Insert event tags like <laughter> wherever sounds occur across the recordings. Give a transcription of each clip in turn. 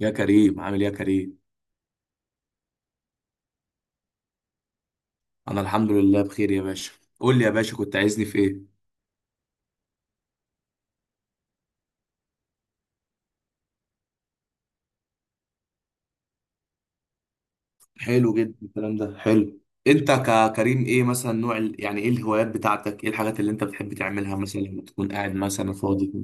يا كريم، عامل ايه يا كريم؟ انا الحمد لله بخير يا باشا. قول لي يا باشا، كنت عايزني في ايه؟ حلو جدا، الكلام ده حلو. انت ككريم ايه مثلا نوع يعني ايه الهوايات بتاعتك، ايه الحاجات اللي انت بتحب تعملها مثلا لما تكون قاعد مثلا فاضي كده؟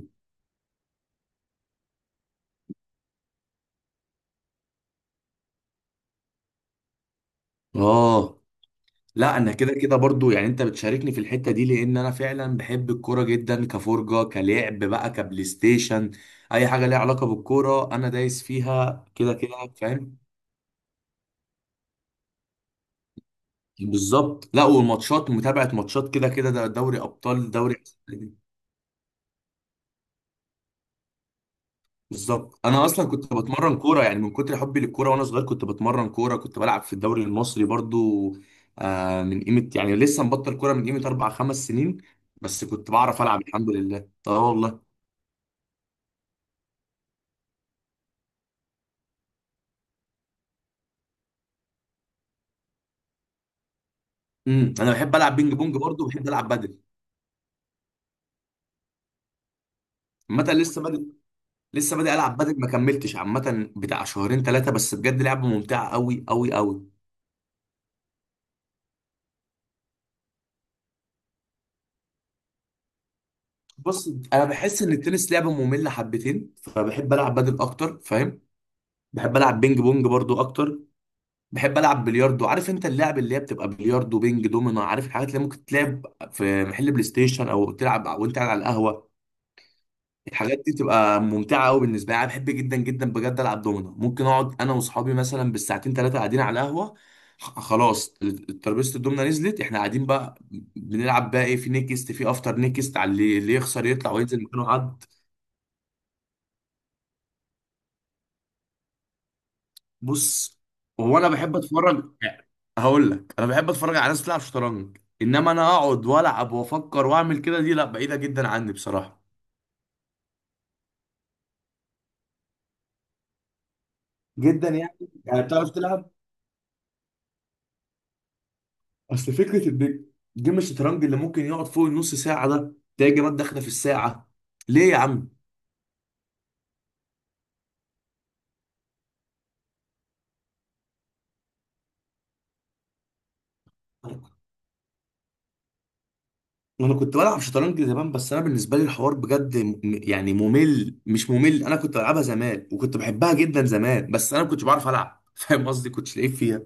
اه، لا انا كده كده برضو، يعني انت بتشاركني في الحتة دي لان انا فعلا بحب الكورة جدا، كفرجة كلعب بقى كبلاي ستيشن. اي حاجة ليها علاقة بالكورة انا دايس فيها كده كده فاهم. بالظبط، لا والماتشات، متابعة ماتشات كده كده، ده دوري أبطال، دوري. بالظبط، أنا أصلا كنت بتمرن كورة، يعني من كتر حبي للكورة وأنا صغير كنت بتمرن كورة، كنت بلعب في الدوري المصري برضو. آه، من قيمة يعني لسه مبطل كورة من قيمة أربع خمس سنين. بس كنت بعرف ألعب الحمد لله، أه والله. أنا بحب ألعب بينج بونج برضو وبحب ألعب بدل. عامة لسه بادئ. لسه بادئ ألعب بدل، ما كملتش، عامة بتاع شهرين ثلاثة، بس بجد لعبة ممتعة أوي أوي أوي. بص، انا بحس ان التنس لعبه ممله حبتين، فبحب العب بدل اكتر فاهم. بحب العب بينج بونج برضو اكتر. بحب العب بلياردو، عارف انت اللعب اللي هي بتبقى بلياردو، بينج، دومينو، عارف الحاجات اللي ممكن تلعب في محل بلاي ستيشن او تلعب وانت قاعد على القهوه. الحاجات دي تبقى ممتعه قوي بالنسبه لي، انا بحب جدا جدا بجد العب دومينو، ممكن اقعد انا واصحابي مثلا بالساعتين ثلاثه قاعدين على القهوه. خلاص، ترابيزه الدومنه نزلت، احنا قاعدين بقى، بنلعب بقى ايه، في نيكست، في افتر نيكست، على اللي يخسر يطلع وينزل مكانه حد. بص، هو انا بحب اتفرج. هقول لك، انا بحب اتفرج على ناس بتلعب شطرنج، انما انا اقعد والعب وافكر واعمل كده دي لا، بعيده جدا عني بصراحه. جدا يعني؟ يعني بتعرف تلعب؟ اصل فكره ان جيم الشطرنج اللي ممكن يقعد فوق النص ساعه، ده تلاقي جيمات داخله في الساعه. ليه يا عم؟ انا كنت بلعب شطرنج زمان، بس انا بالنسبه لي الحوار بجد يعني ممل، مش ممل، انا كنت بلعبها زمان وكنت بحبها جدا زمان، بس انا ما كنتش بعرف العب <laughs> فاهم قصدي، كنتش لعيب فيها.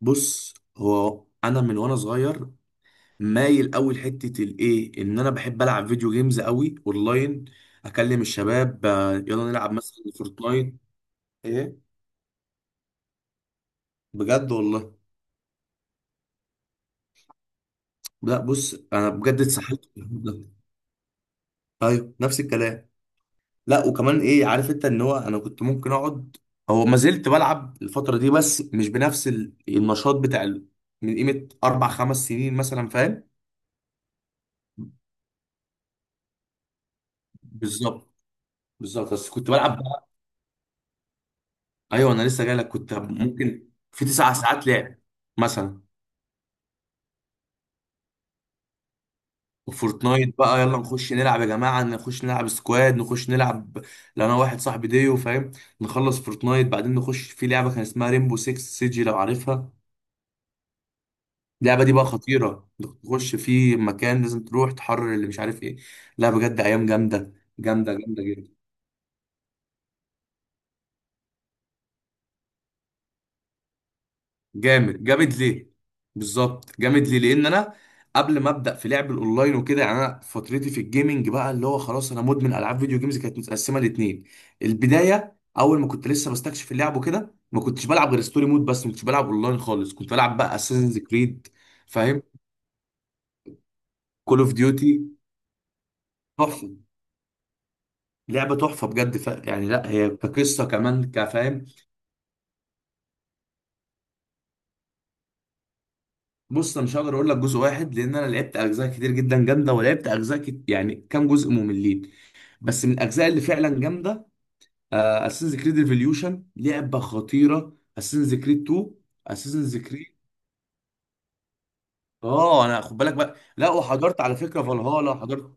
بص، هو انا من وانا صغير مايل قوي لحته الايه، ان انا بحب العب فيديو جيمز قوي اونلاين، اكلم الشباب يلا نلعب مثلا فورتنايت. ايه؟ بجد والله. لا بص، انا بجد اتسحلت في الحوار ده. ايوه نفس الكلام. لا وكمان ايه، عارف انت ان هو انا كنت ممكن اقعد. هو ما زلت بلعب الفتره دي بس مش بنفس النشاط بتاع من قيمه اربع خمس سنين مثلا فاهم. بالظبط، بالظبط بس كنت بلعب. ايوه انا لسه جاي لك، كنت ممكن في تسع ساعات لعب مثلا. وفورتنايت بقى، يلا نخش نلعب يا جماعه، نخش نلعب سكواد، نخش نلعب لو انا واحد صاحبي ديو فاهم، نخلص فورتنايت بعدين نخش في لعبه كان اسمها ريمبو 6 سيجي لو عارفها. اللعبه دي بقى خطيره. تخش في مكان لازم تروح تحرر اللي مش عارف ايه. لا بجد ايام جامده، جامده جامده جدا. جامد جامد ليه؟ بالظبط جامد ليه، لان انا قبل ما ابدا في لعب الاونلاين وكده، يعني انا فترتي في الجيمنج بقى اللي هو خلاص انا مدمن العاب فيديو جيمز كانت متقسمه لاتنين. البدايه، اول ما كنت لسه بستكشف اللعب وكده ما كنتش بلعب غير ستوري مود بس، ما كنتش بلعب اونلاين خالص، كنت بلعب بقى اساسنز كريد فاهم، كول اوف ديوتي. تحفه، لعبه تحفه بجد يعني لا هي كقصه كمان كفاهم. بص، انا مش هقدر اقول لك جزء واحد لان انا لعبت اجزاء كتير جدا جامده ولعبت اجزاء يعني كام جزء مملين. بس من الاجزاء اللي فعلا جامده، اساسنز كريد ريفوليوشن لعبه خطيره، اساسنز كريد 2، اساسنز كريد. اه انا خد بالك بقى، لا وحضرت على فكره فالهالا حضرت.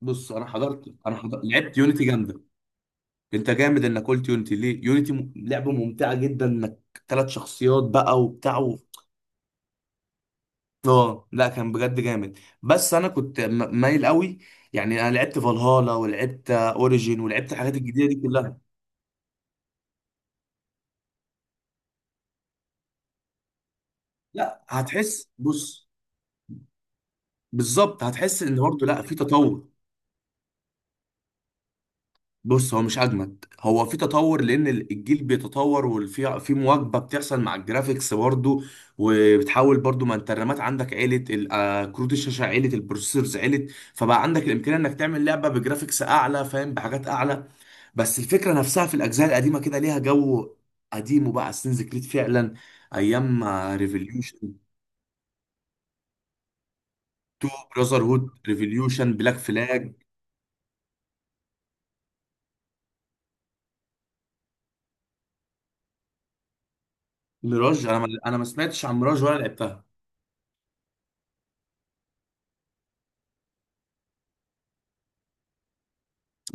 بص انا حضرت لعبت يونيتي جامده. انت جامد انك قلت يونيتي. ليه يونيتي لعبه ممتعه جدا، انك ثلاث شخصيات بقى وبتاع اه لا كان بجد جامد. بس انا كنت مايل قوي، يعني انا لعبت فالهالا ولعبت اوريجين ولعبت الحاجات الجديده دي كلها. لا هتحس بص، بالظبط هتحس ان برضه لا في تطور. بص هو مش اجمد، هو في تطور لان الجيل بيتطور وفي مواكبه بتحصل مع الجرافيكس برضه، وبتحاول برضه، ما انت الرامات عندك عالت كروت الشاشه عالت، البروسيسورز عالت، فبقى عندك الامكانيه انك تعمل لعبه بجرافيكس اعلى فاهم، بحاجات اعلى. بس الفكره نفسها في الاجزاء القديمه كده ليها جو قديم، وبقى اساسنز كريد فعلا. ايام ريفوليوشن، 2، براذر هود، ريفوليوشن، بلاك فلاج، ميراج. انا ما سمعتش عن ميراج ولا لعبتها.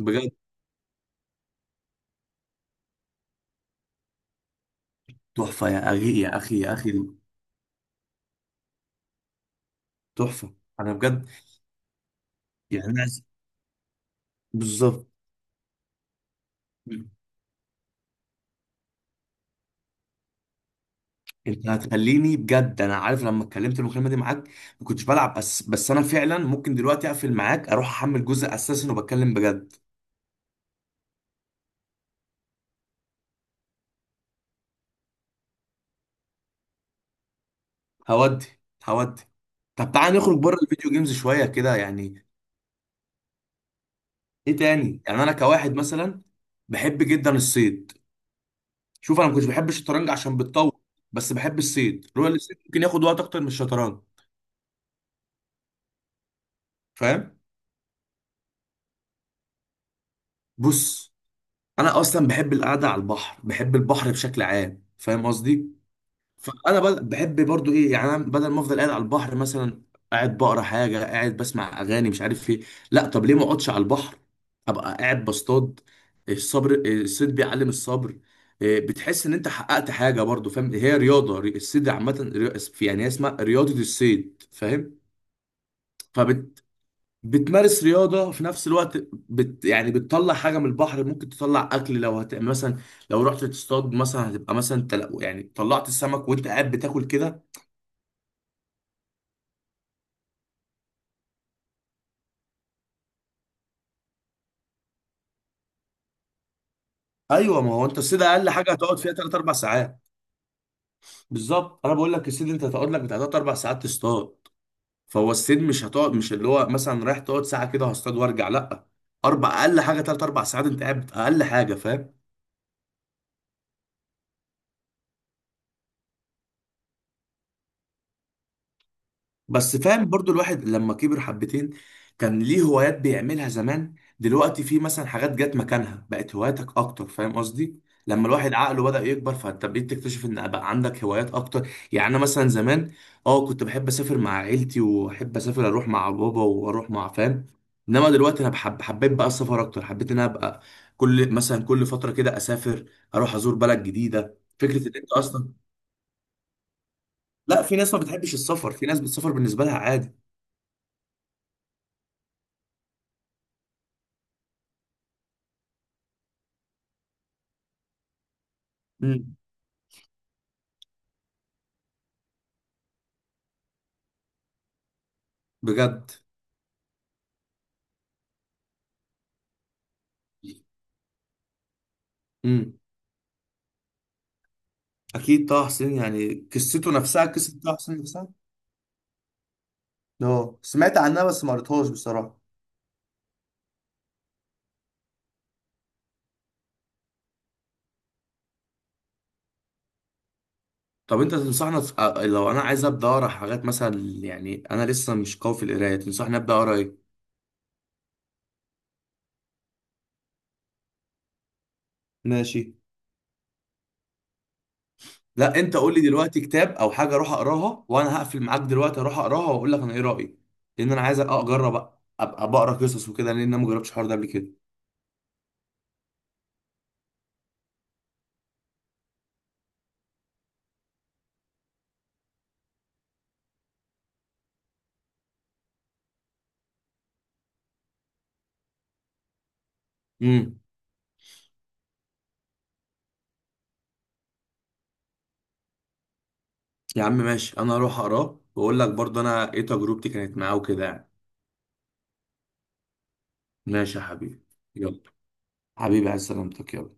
بجد تحفة يا أخي يا أخي يا أخي. تحفة، أنا بجد يعني أنا بالظبط. أنت هتخليني بجد أنا عارف، لما اتكلمت المكالمة دي معاك ما كنتش بلعب، بس أنا فعلا ممكن دلوقتي أقفل معاك، أروح أحمل جزء أساسا وبتكلم بجد. هودي، هودي. طب تعالى نخرج بره الفيديو جيمز شوية كده يعني. إيه تاني؟ يعني أنا كواحد مثلا بحب جدا الصيد. شوف أنا ما كنتش بحب الشطرنج عشان بتطول، بس بحب الصيد، رؤيا الصيد ممكن ياخد وقت أكتر من الشطرنج فاهم. بص، انا اصلا بحب القعده على البحر، بحب البحر بشكل عام فاهم قصدي. فانا بحب برضو ايه يعني، أنا بدل ما افضل قاعد على البحر مثلا، قاعد بقرا حاجه، قاعد بسمع اغاني، مش عارف ايه، لا طب ليه ما اقعدش على البحر ابقى قاعد بصطاد؟ الصبر، الصيد بيعلم الصبر. إيه، بتحس ان انت حققت حاجه برضو فاهم، هي رياضه الصيد عامه، يعني هي اسمها رياضه الصيد فاهم. بتمارس رياضة في نفس الوقت، بت يعني بتطلع حاجة من البحر، ممكن تطلع أكل لو هت يعني مثلا، لو رحت تصطاد مثلا، هتبقى مثلا يعني طلعت السمك وأنت قاعد بتاكل كده. أيوه، ما هو أنت الصيد أقل حاجة هتقعد فيها تلات أربع ساعات. بالظبط، أنا بقول لك الصيد أنت هتقعد لك بتاع تلات أربع ساعات تصطاد. فهو الصيد مش هتقعد، مش اللي هو مثلا رايح تقعد ساعة كده هصطاد وأرجع، لأ، أربع أقل حاجة تلات أربع ساعات أنت قاعد أقل حاجة فاهم. بس فاهم برضو، الواحد لما كبر حبتين كان ليه هوايات بيعملها زمان، دلوقتي في مثلا حاجات جت مكانها بقت هواياتك اكتر فاهم قصدي. لما الواحد عقله بدأ يكبر، فانت بقيت تكتشف ان بقى عندك هوايات اكتر. يعني انا مثلا زمان اه كنت بحب اسافر مع عيلتي، واحب اسافر اروح مع بابا واروح مع فاهم. انما دلوقتي انا بحب، حبيت بقى السفر اكتر، حبيت ان انا ابقى كل مثلا كل فترة كده اسافر، اروح ازور بلد جديدة. فكرة ان انت اصلا، لا في ناس ما بتحبش السفر، في ناس بتسافر بالنسبة لها عادي. بجد. امم اكيد طه حسين، يعني قصته نفسها قصه طه حسين نفسها. اه سمعت عنها بس ما قريتهاش بصراحة. طب انت تنصحنا لو انا عايز ابدا اقرا حاجات مثلا، يعني انا لسه مش قوي في القرايه، تنصحني ابدا اقرا ايه؟ ماشي. لا انت قول لي دلوقتي كتاب او حاجه اروح اقراها، وانا هقفل معاك دلوقتي اروح اقراها واقول لك انا ايه رايي، لان انا عايز اجرب ابقى بقرا قصص وكده لان انا ما جربتش الحوار ده قبل كده. امم يا عم ماشي انا هروح اقراه واقول لك برضه انا ايه تجربتي كانت معاه وكده يعني. ماشي يا حبيبي. يلا، حبيبي عايز سلامتك، يلا.